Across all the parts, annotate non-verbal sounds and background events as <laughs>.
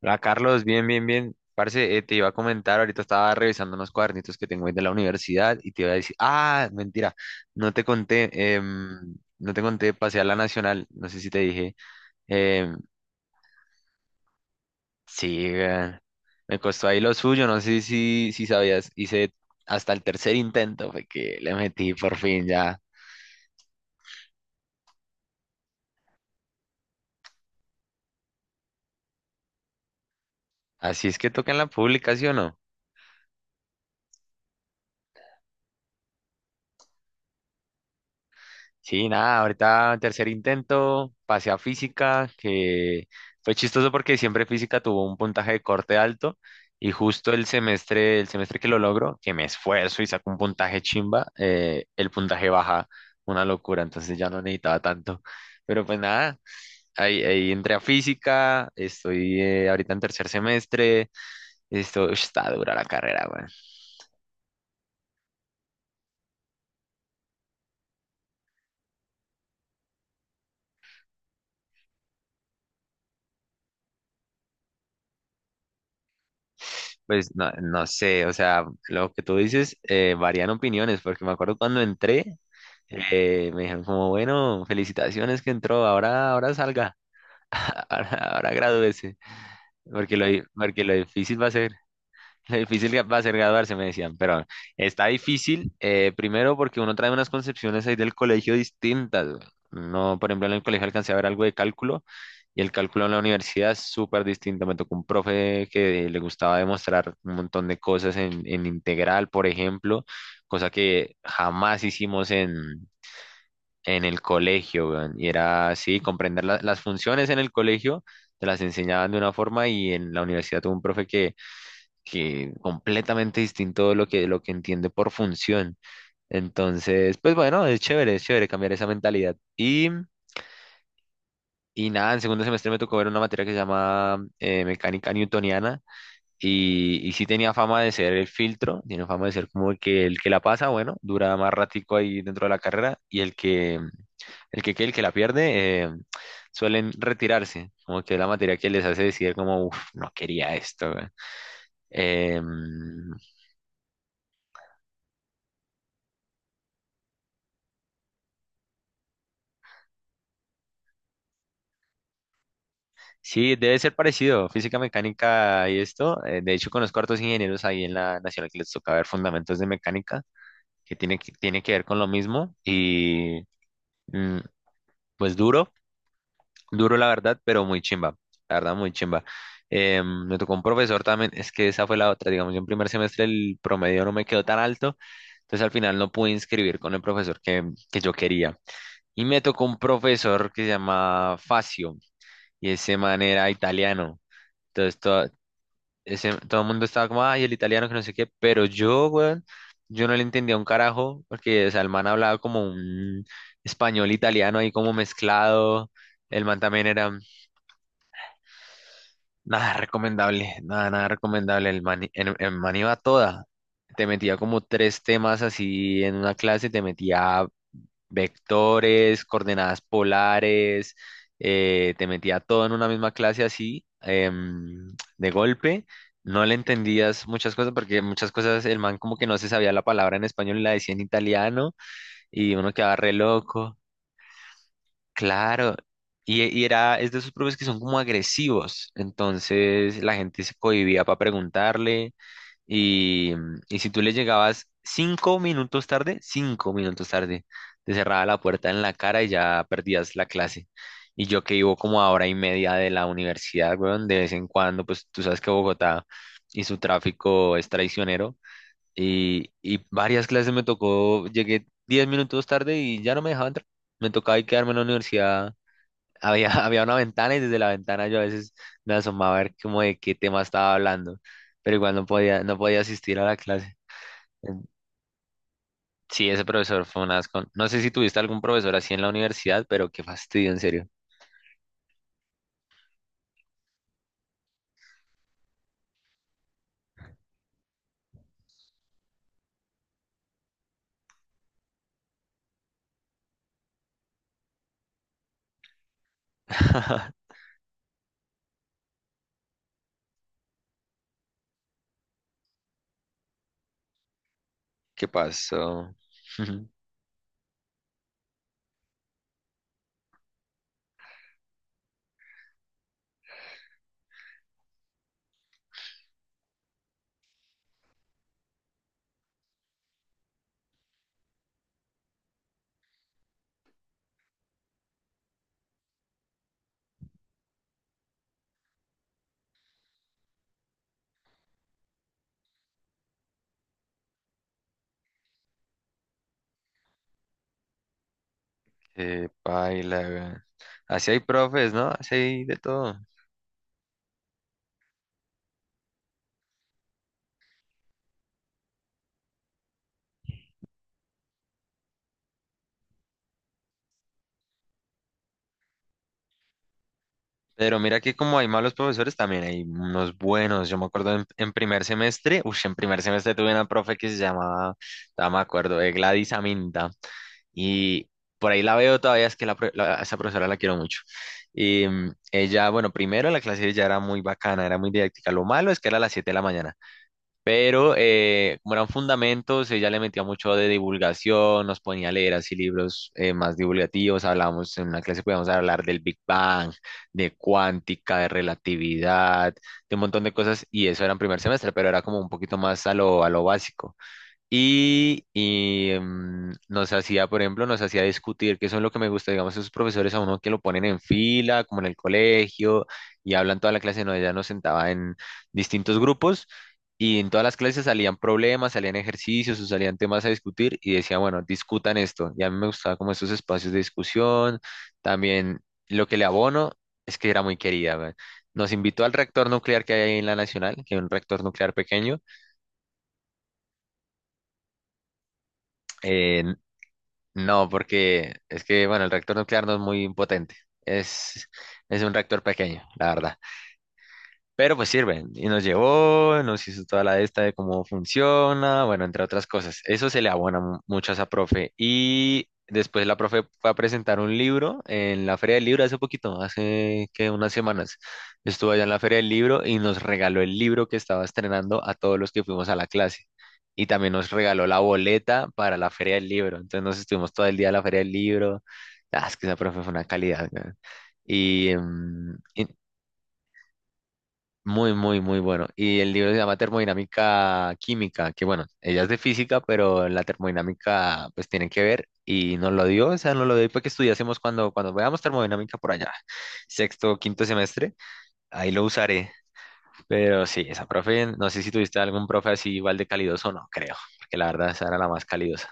Hola Carlos, bien, bien, bien. Parce, te iba a comentar, ahorita estaba revisando unos cuadernitos que tengo ahí de la universidad y te iba a decir, ah, mentira, no te conté, no te conté, pasé a la Nacional, no sé si te dije. em, sí, me costó ahí lo suyo, no sé si sabías, hice hasta el tercer intento, fue que le metí por fin ya. Así es que toca en la publicación, ¿no? Sí, nada, ahorita tercer intento, pasé a física, que fue chistoso porque siempre física tuvo un puntaje de corte alto y justo el semestre que lo logro, que me esfuerzo y saco un puntaje chimba, el puntaje baja, una locura, entonces ya no necesitaba tanto. Pero pues nada, ahí entré a física, estoy ahorita en tercer semestre, esto ush, está dura la carrera, güey. Pues no, no sé, o sea, lo que tú dices varían opiniones, porque me acuerdo cuando entré. Me dijeron como, bueno, felicitaciones que entró, ahora salga, <laughs> ahora gradúese, porque lo difícil va a ser, <laughs> lo difícil que va a ser graduarse, me decían, pero está difícil, primero porque uno trae unas concepciones ahí del colegio distintas, güey. No, por ejemplo, en el colegio alcancé a ver algo de cálculo, y el cálculo en la universidad es súper distinto, me tocó un profe que le gustaba demostrar un montón de cosas en integral, por ejemplo, cosa que jamás hicimos en el colegio, weón. Y era así, comprender las funciones en el colegio, te las enseñaban de una forma y en la universidad tuve un profe que completamente distinto de lo que entiende por función. Entonces, pues bueno, es chévere cambiar esa mentalidad. Y nada, en segundo semestre me tocó ver una materia que se llama mecánica newtoniana y sí tenía fama de ser el filtro, tiene fama de ser como el que la pasa, bueno, dura más ratico ahí dentro de la carrera y el que la pierde suelen retirarse, como que la materia que les hace decir como, uff, no quería esto, güey. Em, sí, debe ser parecido, física mecánica y esto. De hecho, conozco hartos ingenieros ahí en la nacional que les toca ver fundamentos de mecánica, que tiene que ver con lo mismo y mm, pues duro, duro la verdad, pero muy chimba, la verdad, muy chimba. Me tocó un profesor también, es que esa fue la otra, digamos, yo en primer semestre el promedio no me quedó tan alto. Entonces al final no pude inscribir con el profesor que yo quería. Y me tocó un profesor que se llama Facio y ese man era italiano. Entonces todo, ese, todo el mundo estaba como, ay, el italiano que no sé qué, pero yo, weón, yo no le entendía un carajo porque o sea, el man hablaba como un español italiano ahí como mezclado. El man también era nada recomendable, nada, nada recomendable. El man iba a toda. Te metía como tres temas así en una clase, te metía vectores, coordenadas polares, te metía todo en una misma clase así, de golpe. No le entendías muchas cosas porque muchas cosas el man como que no se sabía la palabra en español y la decía en italiano y uno quedaba re loco. Claro. Y era, es de esos profes que son como agresivos. Entonces la gente se cohibía para preguntarle y, y si tú le llegabas 5 minutos tarde, 5 minutos tarde, te cerraba la puerta en la cara y ya perdías la clase. Y yo que vivo como a hora y media de la universidad, weón, de vez en cuando, pues tú sabes que Bogotá y su tráfico es traicionero. Y varias clases me tocó, llegué 10 minutos tarde y ya no me dejaba entrar. Me tocaba ahí quedarme en la universidad, había, <laughs> había una ventana y desde la ventana yo a veces me asomaba a ver como de qué tema estaba hablando, pero igual no podía, no podía asistir a la clase. En- Sí, ese profesor fue un asco. No sé si tuviste algún profesor así en la universidad, pero qué fastidio, en serio. <laughs> ¿Qué pasó? <laughs> Qué paila, weón. Así hay profes, ¿no? Así hay de todo. Pero mira que como hay malos profesores, también hay unos buenos. Yo me acuerdo en primer semestre, uff, en primer semestre tuve una profe que se llamaba, ya me acuerdo, de Gladys Aminta. Y por ahí la veo todavía, es que a esa profesora la quiero mucho. Y ella, bueno, primero la clase ya era muy bacana, era muy didáctica. Lo malo es que era a las 7 de la mañana, pero como eran fundamentos, ella le metía mucho de divulgación, nos ponía a leer así libros más divulgativos. Hablábamos, en una clase podíamos hablar del Big Bang, de cuántica, de relatividad, de un montón de cosas, y eso era en primer semestre, pero era como un poquito más a lo básico. Y, nos hacía, por ejemplo, nos hacía discutir, que eso es lo que me gusta, digamos, esos profesores a uno que lo ponen en fila, como en el colegio, y hablan toda la clase, no, ella nos sentaba en distintos grupos, y en todas las clases salían problemas, salían ejercicios o salían temas a discutir, y decía, bueno, discutan esto. Y a mí me gustaba como esos espacios de discusión, también lo que le abono es que era muy querida, weón. Nos invitó al reactor nuclear que hay ahí en la Nacional, que es un reactor nuclear pequeño eh, no, porque es que, bueno, el reactor nuclear no es muy potente. Es, es un reactor pequeño, la verdad. Pero pues sirve. Y nos llevó, nos hizo toda la esta de cómo funciona, bueno, entre otras cosas. Eso se le abona mucho a esa profe. Y después la profe fue a presentar un libro en la Feria del Libro hace poquito, hace que unas semanas. Estuvo allá en la Feria del Libro y nos regaló el libro que estaba estrenando a todos los que fuimos a la clase. Y también nos regaló la boleta para la Feria del Libro. Entonces nos estuvimos todo el día en la Feria del Libro. Ah, es que esa profe fue una calidad, weón. Y, y muy, muy, muy bueno. Y el libro se llama Termodinámica Química, que bueno, ella es de física, pero la termodinámica pues tiene que ver y nos lo dio, o sea, nos lo dio para que estudiásemos cuando, cuando veamos termodinámica por allá, <laughs> sexto, quinto semestre, ahí lo usaré. Pero sí, esa profe, no sé si tuviste algún profe así igual de calidoso o no, creo, porque la verdad esa era la más calidosa.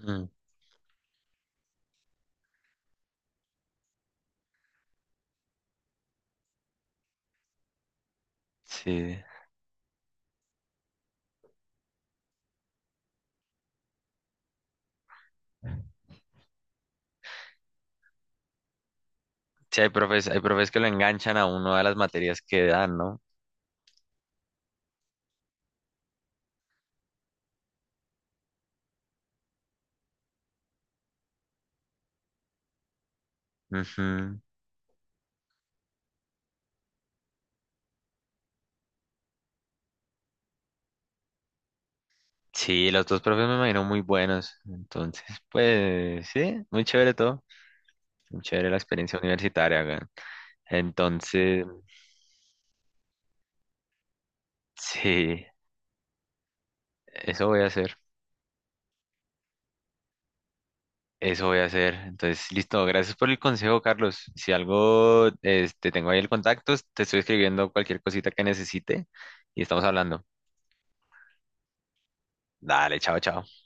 Mm, sí, sí, hay profes que lo enganchan a uno de las materias que dan, ¿no? Ujú. Sí, los dos profes me imagino muy buenos. Entonces, pues sí, muy chévere todo. Muy chévere la experiencia universitaria acá. Entonces, sí, eso voy a hacer. Eso voy a hacer. Entonces, listo. Gracias por el consejo, Carlos. Si algo, este, tengo ahí el contacto, te estoy escribiendo cualquier cosita que necesite y estamos hablando. Dale, chao, chao.